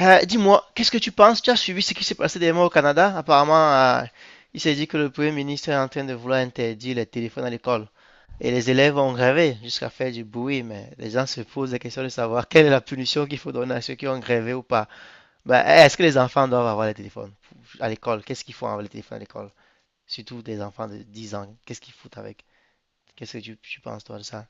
Dis-moi, qu'est-ce que tu penses? Tu as suivi ce qui s'est passé dernièrement au Canada? Apparemment, euh, il s'est dit que le Premier ministre est en train de vouloir interdire les téléphones à l'école. Et les élèves ont grévé jusqu'à faire du bruit, mais les gens se posent la question de savoir quelle est la punition qu'il faut donner à ceux qui ont grévé ou pas. Bah, est-ce que les enfants doivent avoir les téléphones à l'école? Qu'est-ce qu'ils font avec les téléphones à l'école? Surtout des enfants de 10 ans. Qu'est-ce qu'ils foutent avec? Qu'est-ce que tu penses, toi, de ça?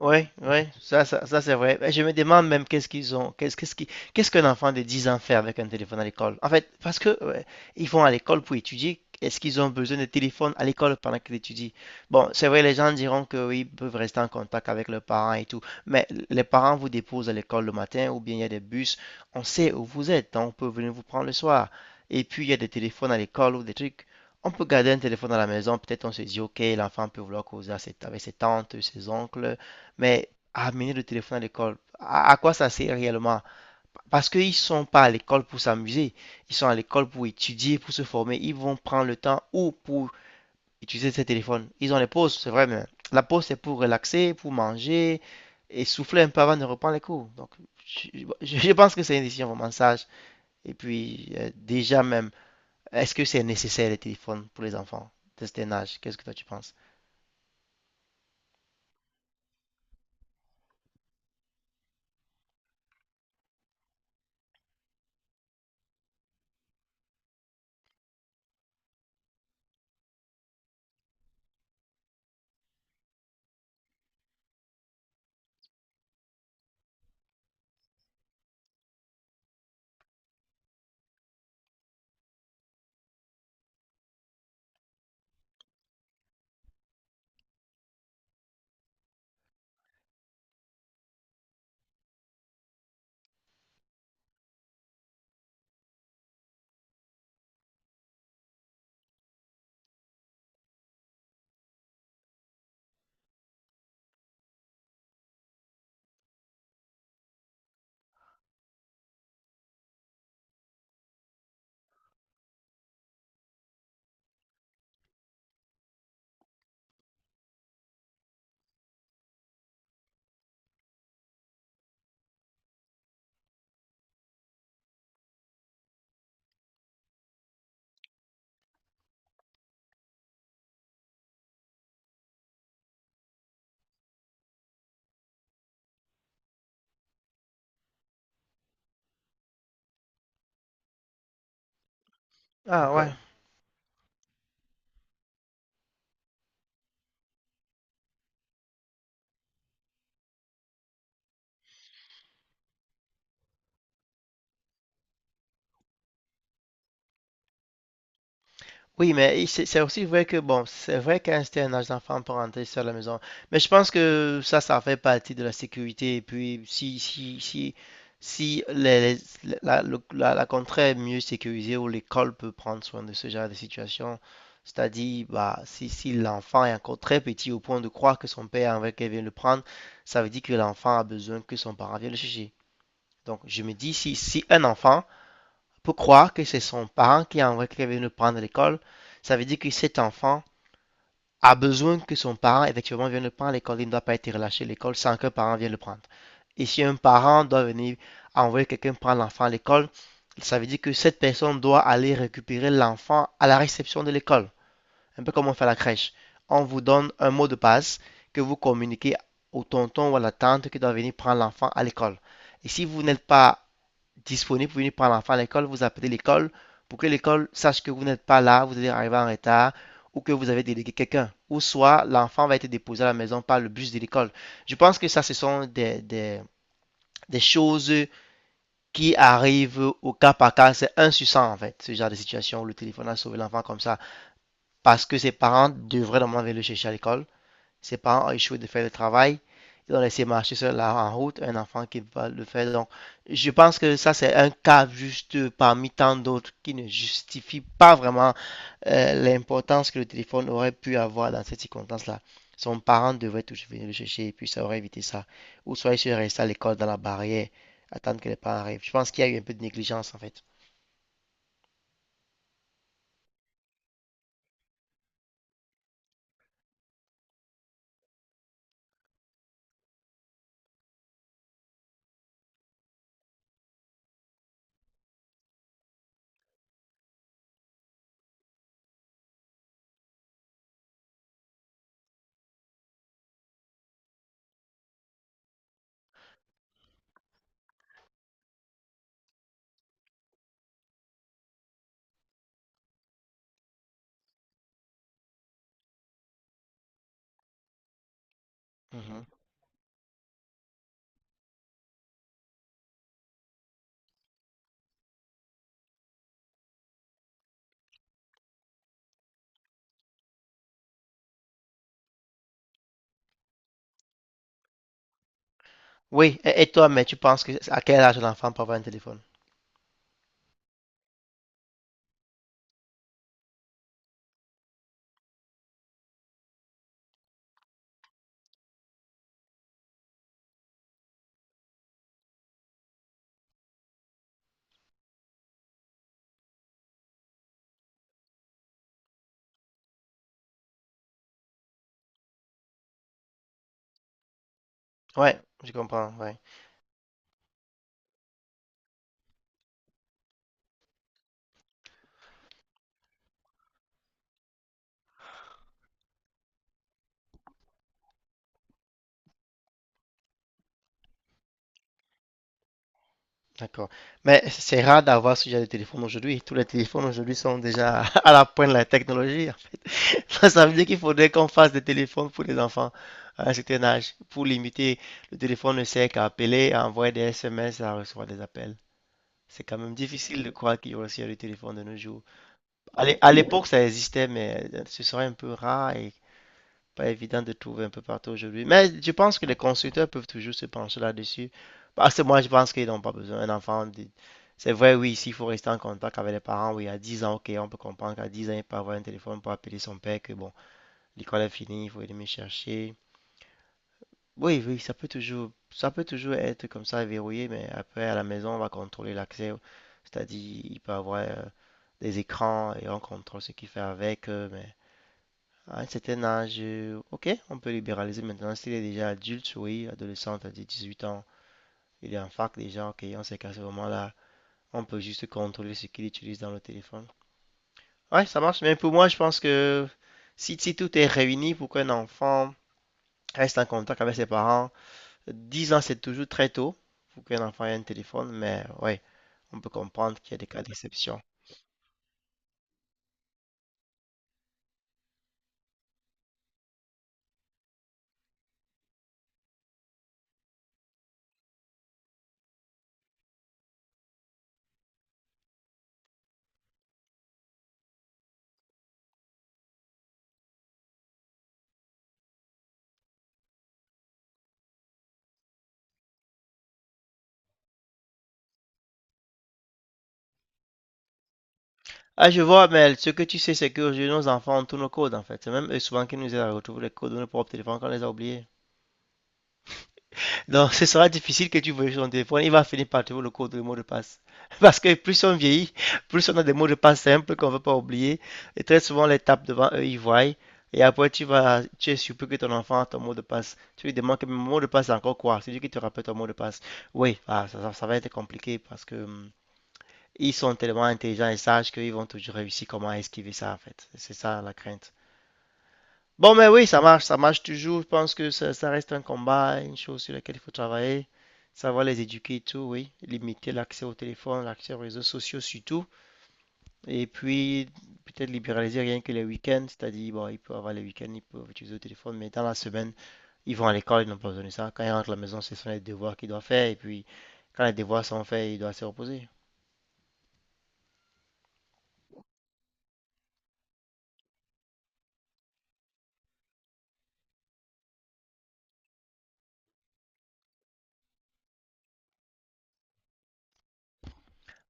Oui, oui, ça, c'est vrai. Et je me demande même qu'est-ce qu'ils ont, qu'est-ce qu'est-ce qui- qu'est-ce qu'un enfant de 10 ans fait avec un téléphone à l'école? En fait, parce que ouais, ils vont à l'école pour étudier, est-ce qu'ils ont besoin de téléphone à l'école pendant qu'ils étudient? Bon, c'est vrai, les gens diront que oui, ils peuvent rester en contact avec leurs parents et tout, mais les parents vous déposent à l'école le matin ou bien il y a des bus, on sait où vous êtes, donc on peut venir vous prendre le soir. Et puis il y a des téléphones à l'école ou des trucs. On peut garder un téléphone à la maison, peut-être on se dit, ok, l'enfant peut vouloir causer avec ses tantes, ses oncles. Mais amener le téléphone à l'école, à quoi ça sert réellement? Parce qu'ils ne sont pas à l'école pour s'amuser, ils sont à l'école pour étudier, pour se former. Ils vont prendre le temps ou pour utiliser ces téléphones. Ils ont les pauses, c'est vrai, mais la pause, c'est pour relaxer, pour manger et souffler un peu avant de reprendre les cours. Donc, je, je pense que c'est une décision vraiment sage. Et puis, déjà même, est-ce que c'est nécessaire les téléphones pour les enfants de cet âge? Qu'est-ce que toi tu penses? Ah ouais. Oui, mais c'est aussi vrai que, bon, c'est vrai qu'à c'était un âge d'enfant pour rentrer seul à la maison. Mais je pense que ça fait partie de la sécurité. Et puis, si la contrée est mieux sécurisée ou l'école peut prendre soin de ce genre de situation, c'est-à-dire, bah, si l'enfant est encore très petit au point de croire que son père avec vient le prendre, ça veut dire que l'enfant a besoin que son parent vienne le chercher. Donc, je me dis, si un enfant peut croire que c'est son parent qui a envoyé quelqu'un venir le prendre à l'école, ça veut dire que cet enfant a besoin que son parent, effectivement, vienne le prendre à l'école. Il ne doit pas être relâché à l'école sans qu'un parent vienne le prendre. Et si un parent doit venir envoyer quelqu'un prendre l'enfant à l'école, ça veut dire que cette personne doit aller récupérer l'enfant à la réception de l'école. Un peu comme on fait à la crèche. On vous donne un mot de passe que vous communiquez au tonton ou à la tante qui doit venir prendre l'enfant à l'école. Et si vous n'êtes pas disponible pour venir prendre l'enfant à l'école, vous appelez l'école pour que l'école sache que vous n'êtes pas là, vous êtes arrivé en retard ou que vous avez délégué quelqu'un. Ou soit l'enfant va être déposé à la maison par le bus de l'école. Je pense que ça, ce sont des choses qui arrivent au cas par cas. C'est un sur 100 en fait, ce genre de situation où le téléphone a sauvé l'enfant comme ça. Parce que ses parents devraient normalement venir le chercher à l'école. Ses parents ont échoué de faire le travail. Ils ont laissé marcher seul en route un enfant qui va le faire. Donc, je pense que ça, c'est un cas juste parmi tant d'autres qui ne justifie pas vraiment l'importance que le téléphone aurait pu avoir dans cette circonstance-là. Son parent devrait toujours venir le chercher et puis ça aurait évité ça. Ou soit il serait resté à l'école dans la barrière, attendre que les parents arrivent. Je pense qu'il y a eu un peu de négligence en fait. Mhm. Oui, et toi, mais tu penses que à quel âge l'enfant peut avoir un téléphone? Ouais, je comprends, ouais. D'accord. Mais c'est rare d'avoir ce genre de téléphone aujourd'hui. Tous les téléphones aujourd'hui sont déjà à la pointe de la technologie, en fait. Ça veut dire qu'il faudrait qu'on fasse des téléphones pour les enfants à un certain âge, pour limiter. Le téléphone ne sert qu'à appeler, à envoyer des SMS, à recevoir des appels. C'est quand même difficile de croire qu'il y aurait aussi des téléphones de nos jours. À l'époque, ça existait, mais ce serait un peu rare et pas évident de trouver un peu partout aujourd'hui. Mais je pense que les constructeurs peuvent toujours se pencher là-dessus. Parce que moi, je pense qu'ils n'ont pas besoin. C'est vrai, oui, s'il faut rester en contact avec les parents, oui, à 10 ans, ok, on peut comprendre qu'à 10 ans, il peut avoir un téléphone pour appeler son père, que bon, l'école est finie, il faut aller me chercher. Oui, oui, ça peut toujours être comme ça verrouillé, mais après, à la maison, on va contrôler l'accès. C'est-à-dire, il peut avoir des écrans et on contrôle ce qu'il fait avec, mais ah, à un certain âge, ok, on peut libéraliser maintenant. S'il est déjà adulte, oui, adolescent, à 18 ans, il est en fac déjà, ok, on sait qu'à ce moment-là, on peut juste contrôler ce qu'il utilise dans le téléphone. Ouais, ça marche, mais pour moi, je pense que si tout est réuni pour qu'un enfant reste en contact avec ses parents, 10 ans, c'est toujours très tôt pour qu'un enfant ait un téléphone, mais ouais, on peut comprendre qu'il y a des cas d'exception. Ah, je vois, mais ce que tu sais, c'est qu'aujourd'hui, nos enfants, ont tous nos codes, en fait. C'est même eux souvent qui nous aident à retrouver les codes de nos propres téléphones quand on les a oubliés. Donc, ce sera difficile que tu veuilles son téléphone. Il va finir par trouver le code, le mot de passe. Parce que plus on vieillit, plus on a des mots de passe simples qu'on ne veut pas oublier. Et très souvent, les tape devant eux, ils voient. Et après, tu es surpris que ton enfant a ton mot de passe. Tu lui demandes que mon mot de passe, c'est encore quoi? C'est lui qui te rappelle ton mot de passe. Oui, ah, ça va être compliqué parce que ils sont tellement intelligents et sages qu'ils vont toujours réussir comment esquiver ça, en fait. C'est ça la crainte. Bon, mais oui, ça marche toujours. Je pense que ça reste un combat, une chose sur laquelle il faut travailler. Savoir les éduquer et tout, oui. Limiter l'accès au téléphone, l'accès aux réseaux sociaux surtout. Et puis, peut-être libéraliser rien que les week-ends. C'est-à-dire, bon, ils peuvent avoir les week-ends, ils peuvent utiliser le téléphone, mais dans la semaine, ils vont à l'école, ils n'ont pas besoin de ça. Quand ils rentrent à la maison, ce sont les devoirs qu'ils doivent faire. Et puis, quand les devoirs sont faits, ils doivent se reposer.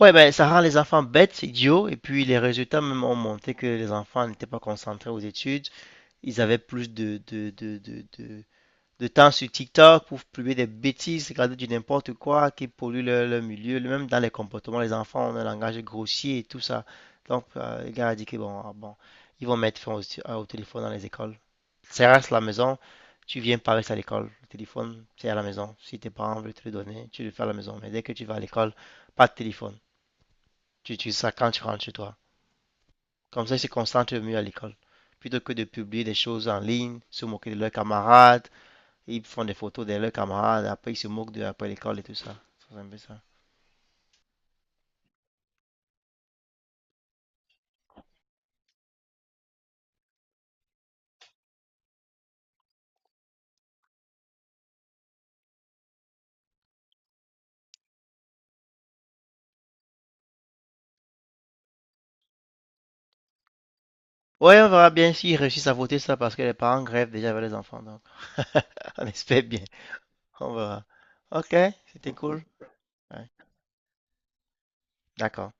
Ouais, ben, ça rend les enfants bêtes, idiots, et puis les résultats même ont montré que les enfants n'étaient pas concentrés aux études. Ils avaient plus de temps sur TikTok pour publier des bêtises, regarder du n'importe quoi qui pollue leur milieu. Même dans les comportements, les enfants ont un langage grossier et tout ça. Donc, le gars a dit que bon, ah bon, ils vont mettre fin au téléphone dans les écoles. Ça reste à la maison, tu viens par rester à l'école. Le téléphone, c'est à la maison. Si tes parents veulent te le donner, tu le fais à la maison. Mais dès que tu vas à l'école, pas de téléphone. Tu utilises ça quand tu rentres chez toi. Comme ça, ils se concentrent mieux à l'école. Plutôt que de publier des choses en ligne, se moquer de leurs camarades, ils font des photos de leurs camarades, après ils se moquent de après l'école et tout ça. C'est un peu ça. Ouais, on verra bien s'ils réussissent à voter ça parce que les parents grèvent déjà avec les enfants. Donc, on espère bien. On verra. Ok, c'était cool. Ouais, d'accord.